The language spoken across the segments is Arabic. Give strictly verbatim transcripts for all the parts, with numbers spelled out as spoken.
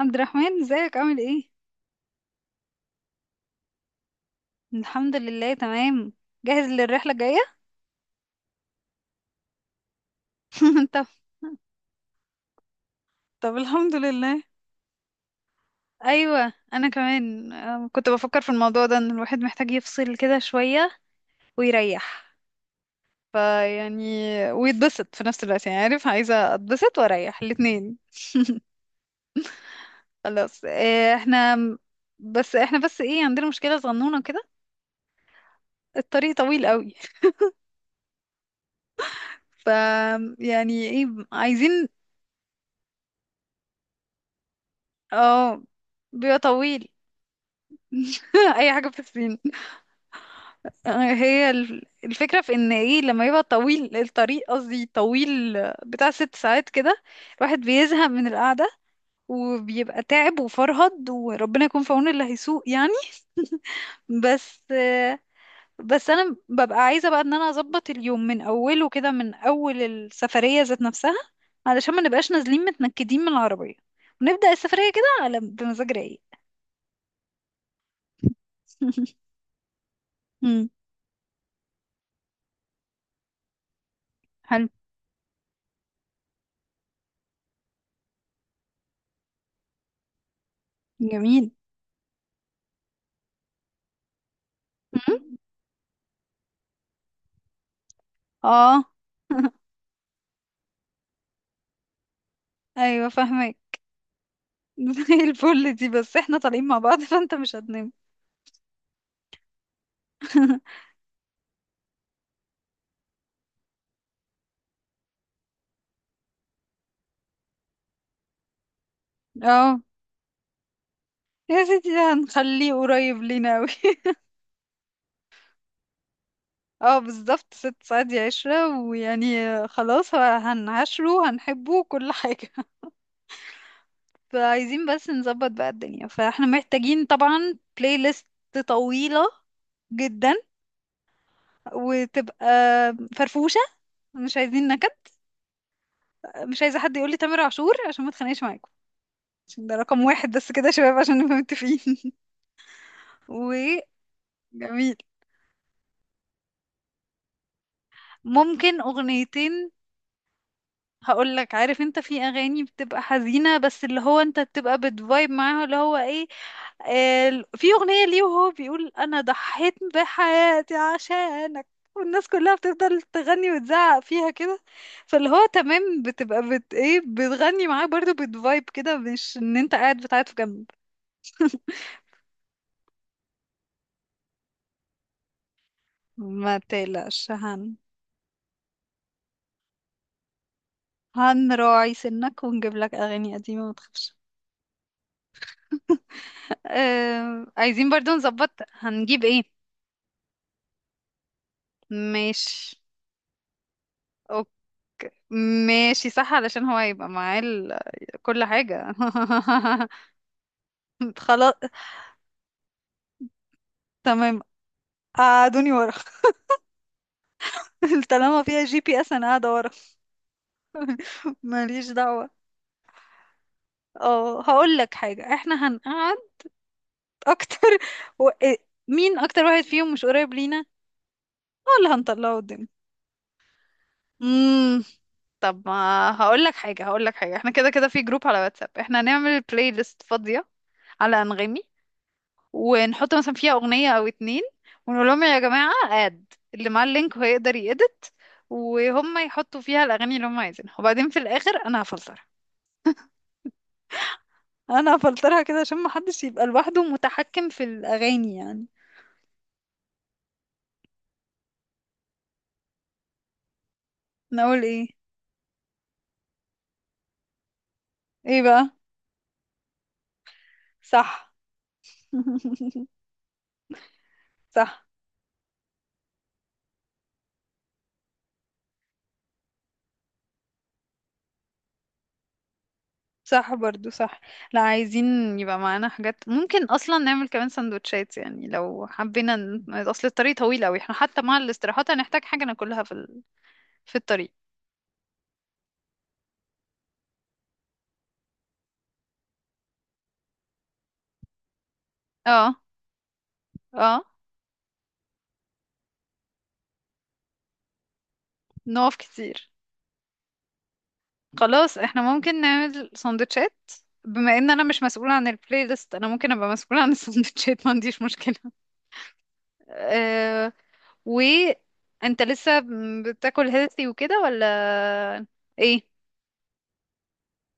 عبد الرحمن، ازيك؟ عامل ايه؟ الحمد لله، تمام. جاهز للرحله الجايه؟ طب. طب الحمد لله. ايوه، انا كمان أم، كنت بفكر في الموضوع ده ان الواحد محتاج يفصل كده شويه ويريح فيعني ويتبسط في نفس الوقت. يعني عارف، عايزه اتبسط واريح الاتنين. خلاص إيه، احنا بس احنا بس ايه، عندنا مشكله صغنونه كده. الطريق طويل قوي. ف يعني ايه؟ عايزين. اه، بيبقى طويل. اي حاجه في الصين. آه، هي ال- الفكرة في ان ايه، لما يبقى طويل الطريق، قصدي طويل بتاع ست ساعات كده، الواحد بيزهق من القعدة وبيبقى تعب وفرهد، وربنا يكون في عون اللي هيسوق يعني. بس. بس انا ببقى عايزة بقى ان انا اظبط اليوم من اوله كده، من اول السفرية ذات نفسها، علشان ما نبقاش نازلين متنكدين من العربية، ونبدأ السفرية كده على بمزاج رايق. مم، حلو. جميل. مم. اه. ايوه فاهمك. زي الفل. دي بس احنا طالعين مع بعض فانت مش هتنام. اه يا سيدي، ده هنخليه قريب لينا اوي. اه بالظبط، ست ساعات دي عشرة ويعني خلاص. هو- هنعاشره، هنحبه كل حاجة. فعايزين بس نظبط بقى الدنيا. فاحنا محتاجين طبعا بلاي ليست طويلة جدا، وتبقى فرفوشة، مش عايزين نكد. مش عايزة حد يقولي تامر عاشور عشان ما اتخانقش معاكم، عشان ده رقم واحد بس كده يا شباب، عشان نبقى متفقين. و جميل. ممكن اغنيتين. هقول لك، عارف انت في اغاني بتبقى حزينه بس اللي هو انت بتبقى بتفايب معاها، اللي هو ايه، آه، في اغنيه ليه وهو بيقول انا ضحيت بحياتي عشانك، والناس كلها بتفضل تغني وتزعق فيها كده. فاللي هو تمام، بتبقى بت ايه، بتغني معاه برضو، بتفايب كده، مش ان انت قاعد بتعيط في جنب. ما تقلقش هن هنراعي سنك ونجيب لك اغاني قديمه، ما تخافش. آه، عايزين برضو نظبط هنجيب ايه. ماشي. أوك- ماشي صح، علشان هو هيبقى معاه ال- كل حاجة. خلاص تمام. قعدوني ورا. طالما فيها جي بي اس انا قاعدة ورا. ماليش دعوة. اه هقول لك حاجة، احنا هنقعد اكتر. و... إيه، مين اكتر واحد فيهم مش قريب لينا، هو اللي هنطلعه قدام. امم طب، ما هقول لك حاجة، هقول لك حاجة، احنا كده كده في جروب على واتساب، احنا هنعمل بلاي ليست فاضية على انغامي، ونحط مثلا فيها اغنيه او اتنين، ونقول لهم يا جماعه، اد اللي معاه اللينك هو يقدر يedit، وهم يحطوا فيها الاغاني اللي هم عايزينها، وبعدين في الاخر انا هفلترها. انا هفلترها كده عشان محدش يبقى لوحده متحكم في الاغاني يعني. نقول ايه؟ ايه بقى. صح. صح. صح برضو صح. لا عايزين يبقى معانا حاجات، ممكن اصلا نعمل كمان سندوتشات، يعني لو حبينا ن- اصل الطريق طويل قوي، احنا حتى مع الاستراحات هنحتاج حاجة ناكلها في ال... في الطريق. اه. اه. نقف كتير. خلاص احنا ممكن نعمل سندوتشات. بما ان انا مش مسؤولة عن البلاي ليست، انا ممكن ابقى مسؤولة عن السندوتشات، ما عنديش مشكلة. أه. و انت لسه بتاكل هيلثي وكده ولا ايه؟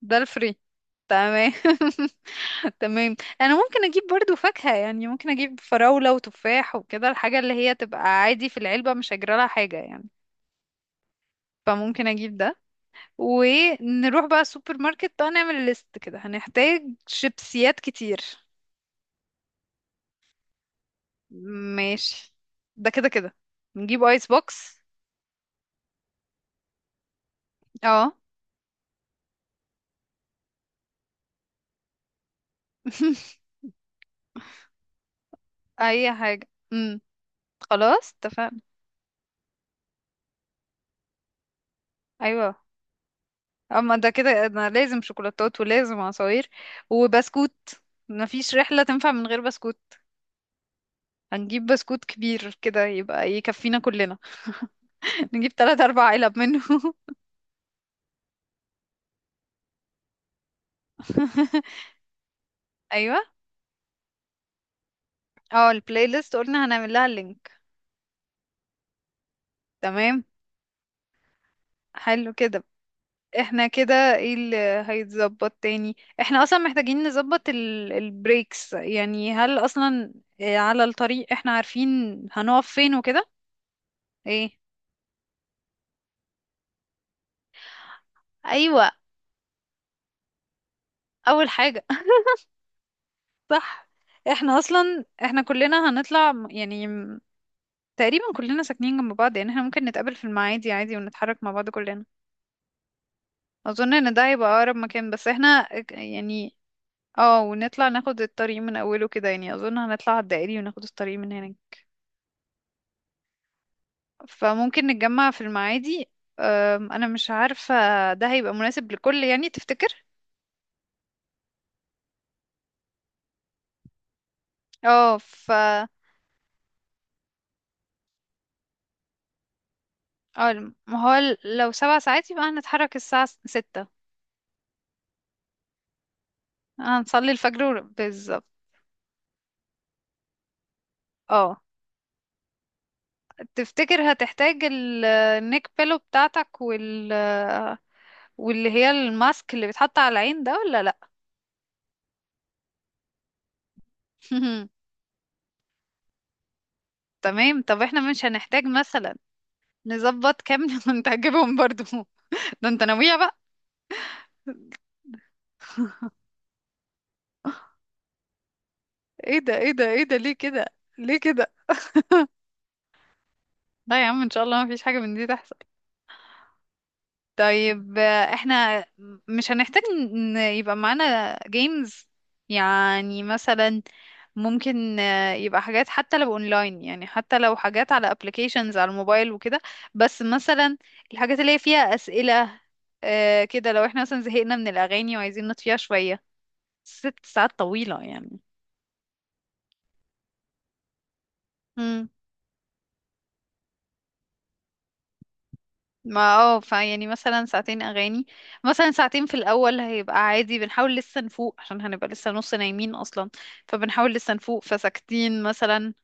ده الفري، تمام. تمام، انا ممكن اجيب برضو فاكهة، يعني ممكن اجيب فراولة وتفاح وكده، الحاجة اللي هي تبقى عادي في العلبة، مش هجرى لها حاجة يعني. فممكن اجيب ده. ونروح بقى السوبر ماركت بقى نعمل ليست، كده هنحتاج شيبسيات كتير. ماشي. ده كده كده نجيب ايس بوكس. اه. اي حاجة. امم خلاص اتفقنا. ايوه. اما ده كده انا لازم شوكولاتات، ولازم عصاير، وبسكوت. مفيش رحلة تنفع من غير بسكوت. هنجيب بسكوت كبير كده يبقى يكفينا كلنا. نجيب تلات اربع علب منه. ايوه. اه، البلاي ليست قلنا هنعمل لها اللينك. تمام. حلو كده. احنا كده ايه اللي هيتظبط تاني؟ احنا اصلا محتاجين نظبط ال- البريكس، يعني هل اصلا آه، على الطريق احنا عارفين هنقف فين وكده؟ ايه. ايوه اول حاجة. صح. احنا اصلا، احنا كلنا هنطلع م- يعني م- تقريبا كلنا ساكنين جنب بعض، يعني احنا ممكن نتقابل في المعادي عادي، ونتحرك مع بعض كلنا. اظن ان ده هيبقى اقرب مكان، بس احنا ك- يعني اه، ونطلع ناخد الطريق من اوله كده، يعني اظن هنطلع على الدائري وناخد الطريق من هنا. فممكن نتجمع في المعادي. أم، انا مش عارفة، ده هيبقى مناسب لكل، يعني تفتكر؟ اه ف اه، الم- ما هو ال- لو سبع ساعات يبقى هنتحرك الساعة س- ستة. هنصلي الفجر ور- بالظبط. اه، تفتكر هتحتاج ال- النيك بيلو بتاعتك وال، واللي هي الماسك اللي بيتحط على العين ده ولا لا؟ تمام. طب احنا مش هنحتاج مثلا نظبط كام. وانت هتجيبهم برضو؟ ده انت ناوية بقى. ايه ده ايه ده ايه ده ليه كده؟ ليه كده لا يا عم، ان شاء الله ما فيش حاجة من دي تحصل. طيب آه، احنا مش هنحتاج ان يبقى معانا جيمز يعني؟ مثلا ممكن آه، يبقى حاجات حتى لو اونلاين، يعني حتى لو حاجات على ابلكيشنز على الموبايل وكده، بس مثلا الحاجات اللي هي فيها أسئلة. آه، كده لو احنا مثلا زهقنا من الأغاني وعايزين نطفيها شوية. ست ساعات طويلة يعني. ما اه، فيعني مثلا ساعتين اغاني. مثلا ساعتين في الاول هيبقى عادي، بنحاول لسه نفوق، عشان هنبقى لسه نص نايمين اصلا، فبنحاول لسه نفوق فساكتين مثلا.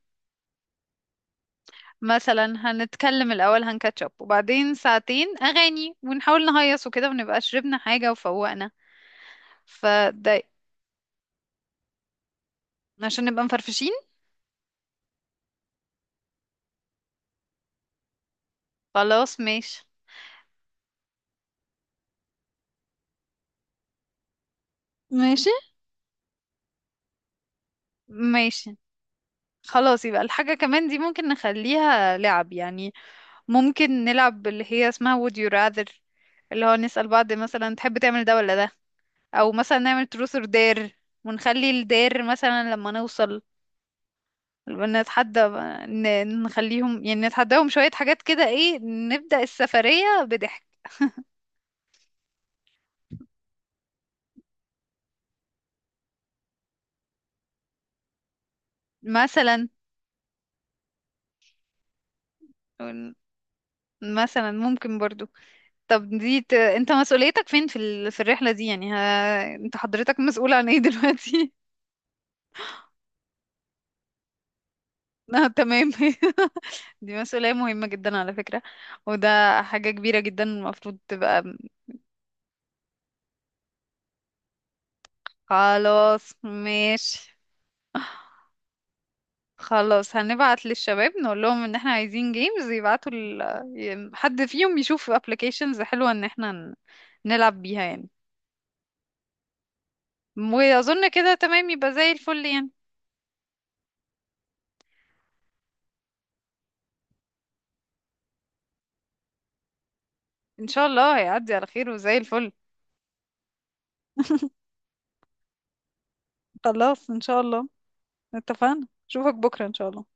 مثلا هنتكلم الاول، هنكاتشب، وبعدين ساعتين اغاني، ونحاول نهيص وكده، ونبقى شربنا حاجه وفوقنا، فده عشان نبقى مفرفشين. خلاص ماشي. ماشي. ماشي. خلاص يبقى الحاجة كمان دي ممكن نخليها لعب يعني. ممكن نلعب اللي هي اسمها would you rather، اللي هو نسأل بعض مثلا تحب تعمل ده ولا ده، او مثلا نعمل truth or dare، ونخلي الدير مثلا لما نوصل نتحدى. ن- نخليهم يعني نتحداهم شوية حاجات كده، ايه نبدأ السفرية بضحك. مثلا. مثلا ممكن برضو طب دي ت... انت مسؤوليتك فين في ال... في الرحلة دي يعني؟ ها... انت حضرتك مسؤول عن ايه دلوقتي؟ آه، تمام. دي مسؤولية مهمة جدا على فكرة. وده حاجة كبيرة جدا المفروض تبقى. خلاص ماشي. خلاص هنبعت للشباب نقول لهم ان احنا عايزين جيمز، يبعتوا ال... ي- حد فيهم يشوف ابلكيشنز حلوة ان احنا ن- نلعب بيها يعني. واظن كده تمام، يبقى زي الفل يعني. ان شاء الله هيعدي على خير وزي الفل. خلاص ان شاء الله. اتفقنا، اشوفك بكرة ان شاء الله.